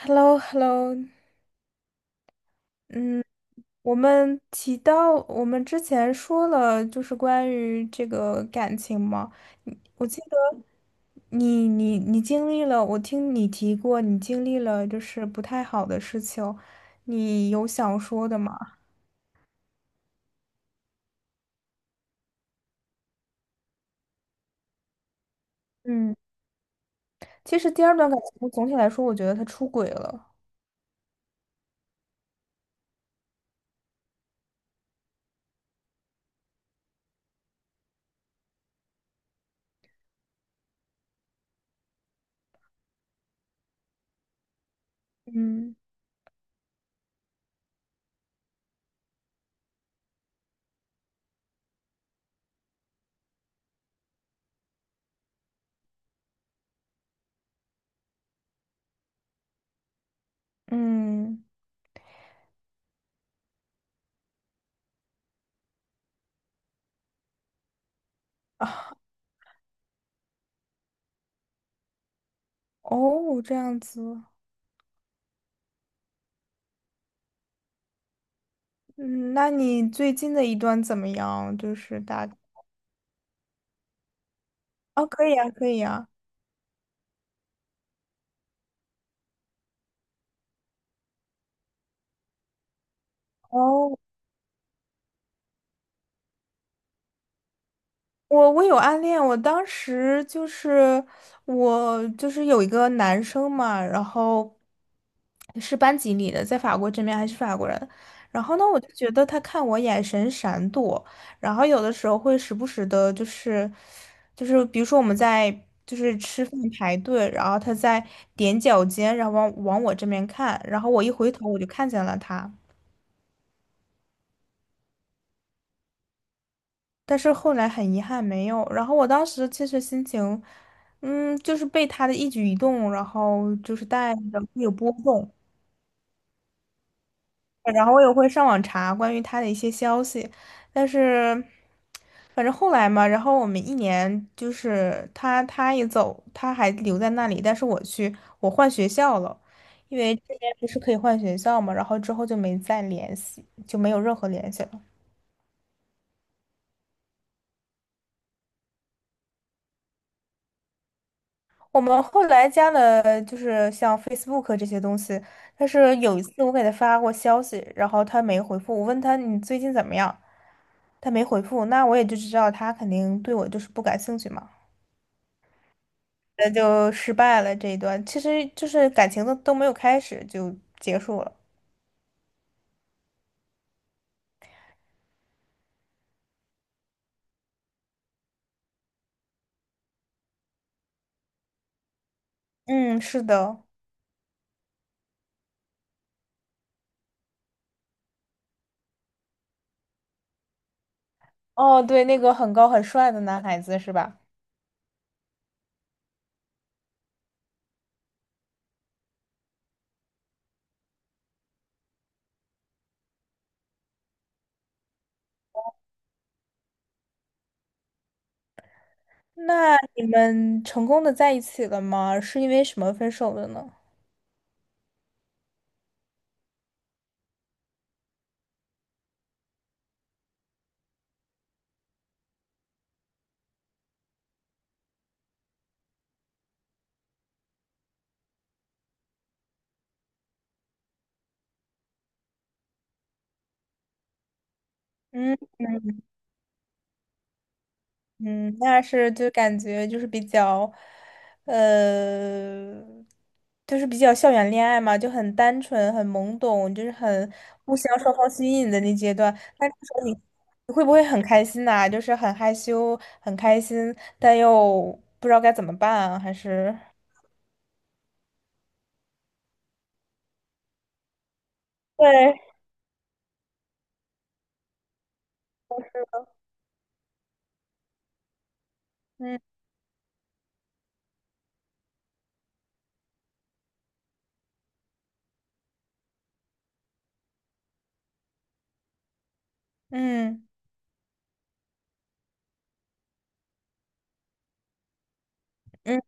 h e l l o h e l l o 嗯，我们提到我们之前说了，就是关于这个感情嘛。我记得你经历了，我听你提过，你经历了就是不太好的事情，你有想说的吗？嗯，其实第二段感情总体来说，我觉得他出轨了。嗯嗯，哦，这样子。嗯，那你最近的一段怎么样？就是大，哦，可以啊，可以啊。哦，我有暗恋，我当时就是我就是有一个男生嘛，然后是班级里的，在法国这边还是法国人，然后呢，我就觉得他看我眼神闪躲，然后有的时候会时不时的，就是比如说我们在就是吃饭排队，然后他在踮脚尖，然后往往我这边看，然后我一回头我就看见了他。但是后来很遗憾没有。然后我当时其实心情，嗯，就是被他的一举一动，然后就是带着会有波动，然后我也会上网查关于他的一些消息，但是反正后来嘛，然后我们一年就是他也走，他还留在那里，但是我去我换学校了，因为这边不是可以换学校嘛，然后之后就没再联系，就没有任何联系了。我们后来加了，就是像 Facebook 这些东西，但是有一次我给他发过消息，然后他没回复。我问他你最近怎么样，他没回复，那我也就知道他肯定对我就是不感兴趣嘛，那就失败了这一段。其实就是感情都没有开始就结束了。嗯，是的。哦，对，那个很高很帅的男孩子是吧？那你们成功的在一起了吗？是因为什么分手的呢？嗯。嗯，那是就感觉就是比较，呃，就是比较校园恋爱嘛，就很单纯、很懵懂，就是很互相双方吸引的那阶段。那这个时候你会不会很开心呐、就是很害羞、很开心，但又不知道该怎么办啊？还是对，嗯嗯嗯，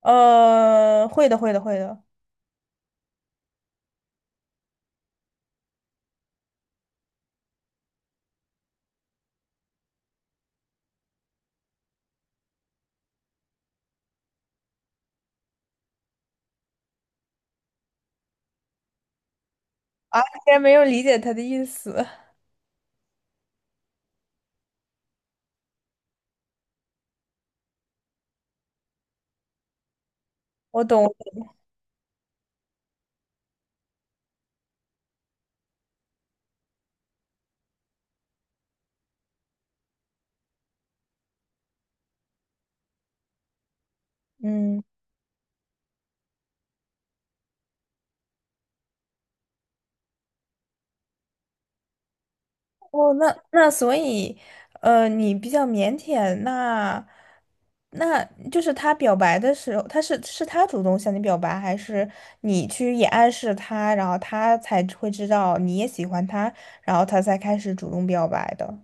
会的，会的，会的。啊，竟然没有理解他的意思，我懂，嗯。哦，那所以，你比较腼腆，那那就是他表白的时候，他是他主动向你表白，还是你去也暗示他，然后他才会知道你也喜欢他，然后他才开始主动表白的？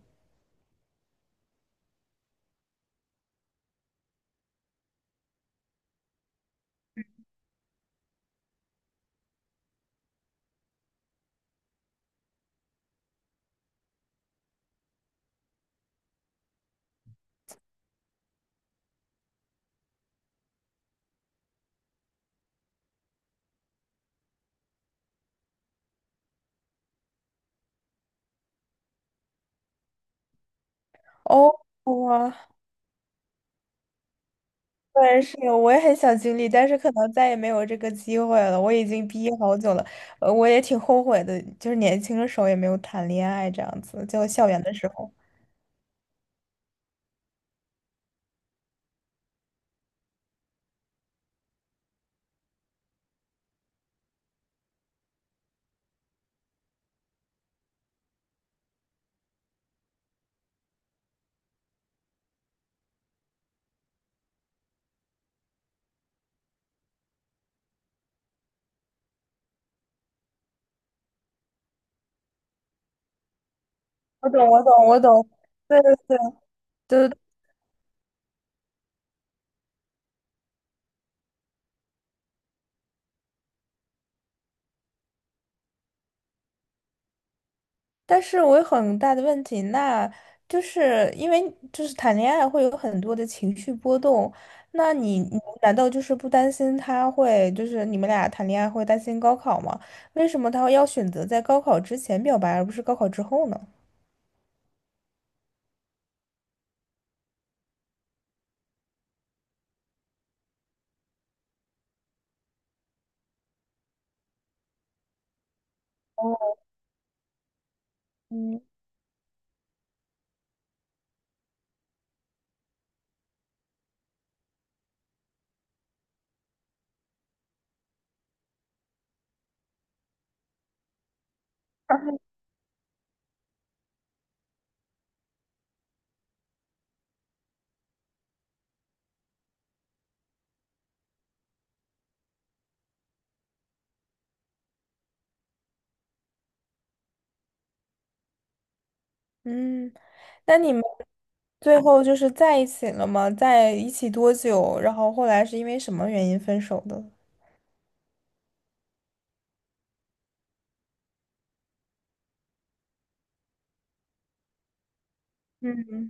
哦，哇，对，是有我也很想经历，但是可能再也没有这个机会了。我已经毕业好久了，我也挺后悔的，就是年轻的时候也没有谈恋爱这样子，就校园的时候。我懂，我懂，我懂，对对对对对，但是我有很大的问题，那就是因为就是谈恋爱会有很多的情绪波动，那你难道就是不担心他会就是你们俩谈恋爱会担心高考吗？为什么他要选择在高考之前表白，而不是高考之后呢？哦，嗯 嗯，那你们最后就是在一起了吗？在一起多久？然后后来是因为什么原因分手的？嗯，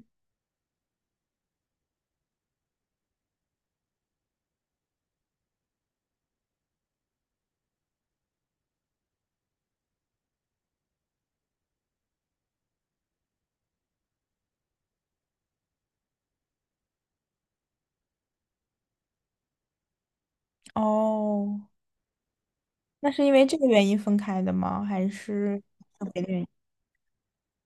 哦。那是因为这个原因分开的吗？还是别的原因？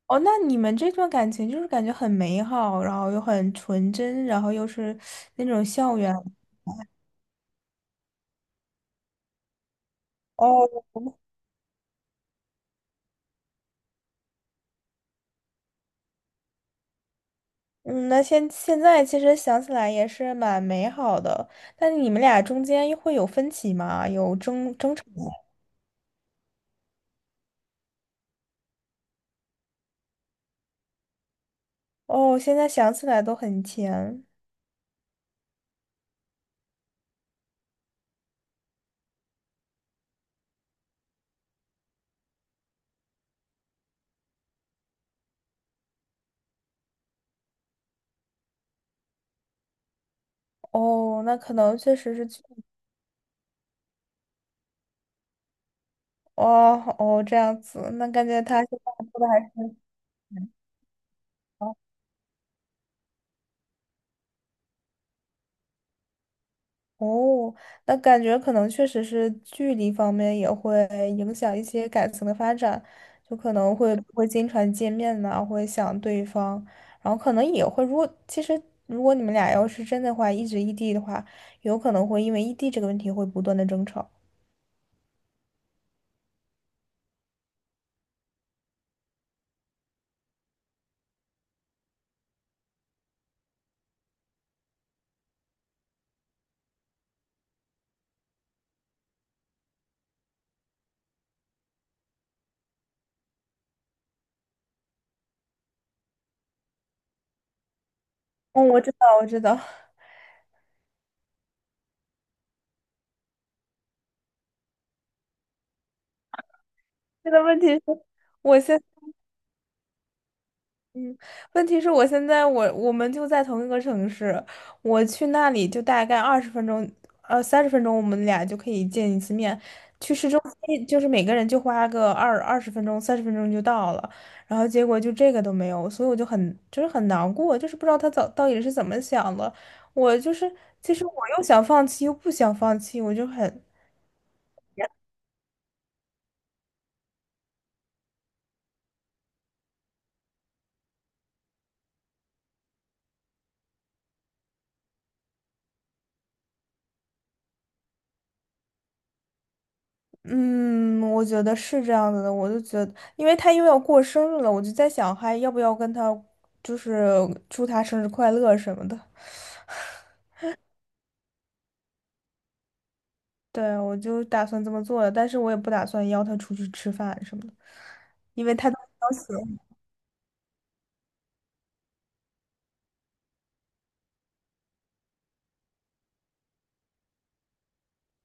哦，那你们这段感情就是感觉很美好，然后又很纯真，然后又是那种校园。哦，嗯，那现在其实想起来也是蛮美好的，但你们俩中间又会有分歧吗？有争吵？哦，现在想起来都很甜。哦，那可能确实是，哦哦这样子，那感觉他现在过得还。挺哦，那感觉可能确实是距离方面也会影响一些感情的发展，就可能会不会经常见面呐、会想对方，然后可能也会，如果其实如果你们俩要是真的话，一直异地的话，有可能会因为异地这个问题会不断的争吵。嗯，我知道，我知道，这个问题是，我先。问题是我现在我们就在同一个城市，我去那里就大概二十分钟，三十分钟，我们俩就可以见一次面。去市中心就是每个人就花个二十分钟、三十分钟就到了，然后结果就这个都没有，所以我就很就是很难过，就是不知道他早到底是怎么想的。我就是其实我又想放弃又不想放弃，我就很嗯，我觉得是这样子的，我就觉得，因为他又要过生日了，我就在想，还要不要跟他，就是祝他生日快乐什么的。对，我就打算这么做的，但是我也不打算邀他出去吃饭什么的，因为他都邀请，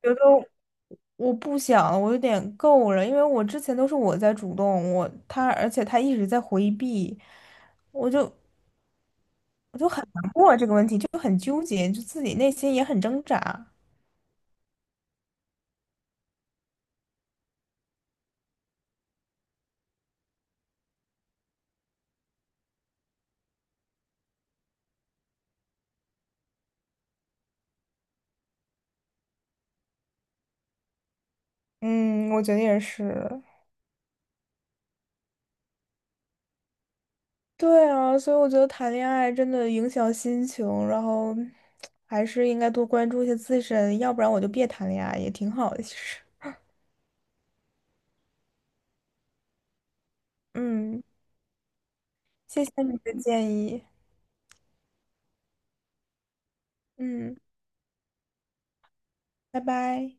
觉得我不想了，我有点够了，因为我之前都是我在主动，而且他一直在回避，我就我就很难过啊这个问题，就很纠结，就自己内心也很挣扎。嗯，我觉得也是。对啊，所以我觉得谈恋爱真的影响心情，然后还是应该多关注一下自身，要不然我就别谈恋爱，也挺好的，其实。嗯，谢谢你的建议。嗯，拜拜。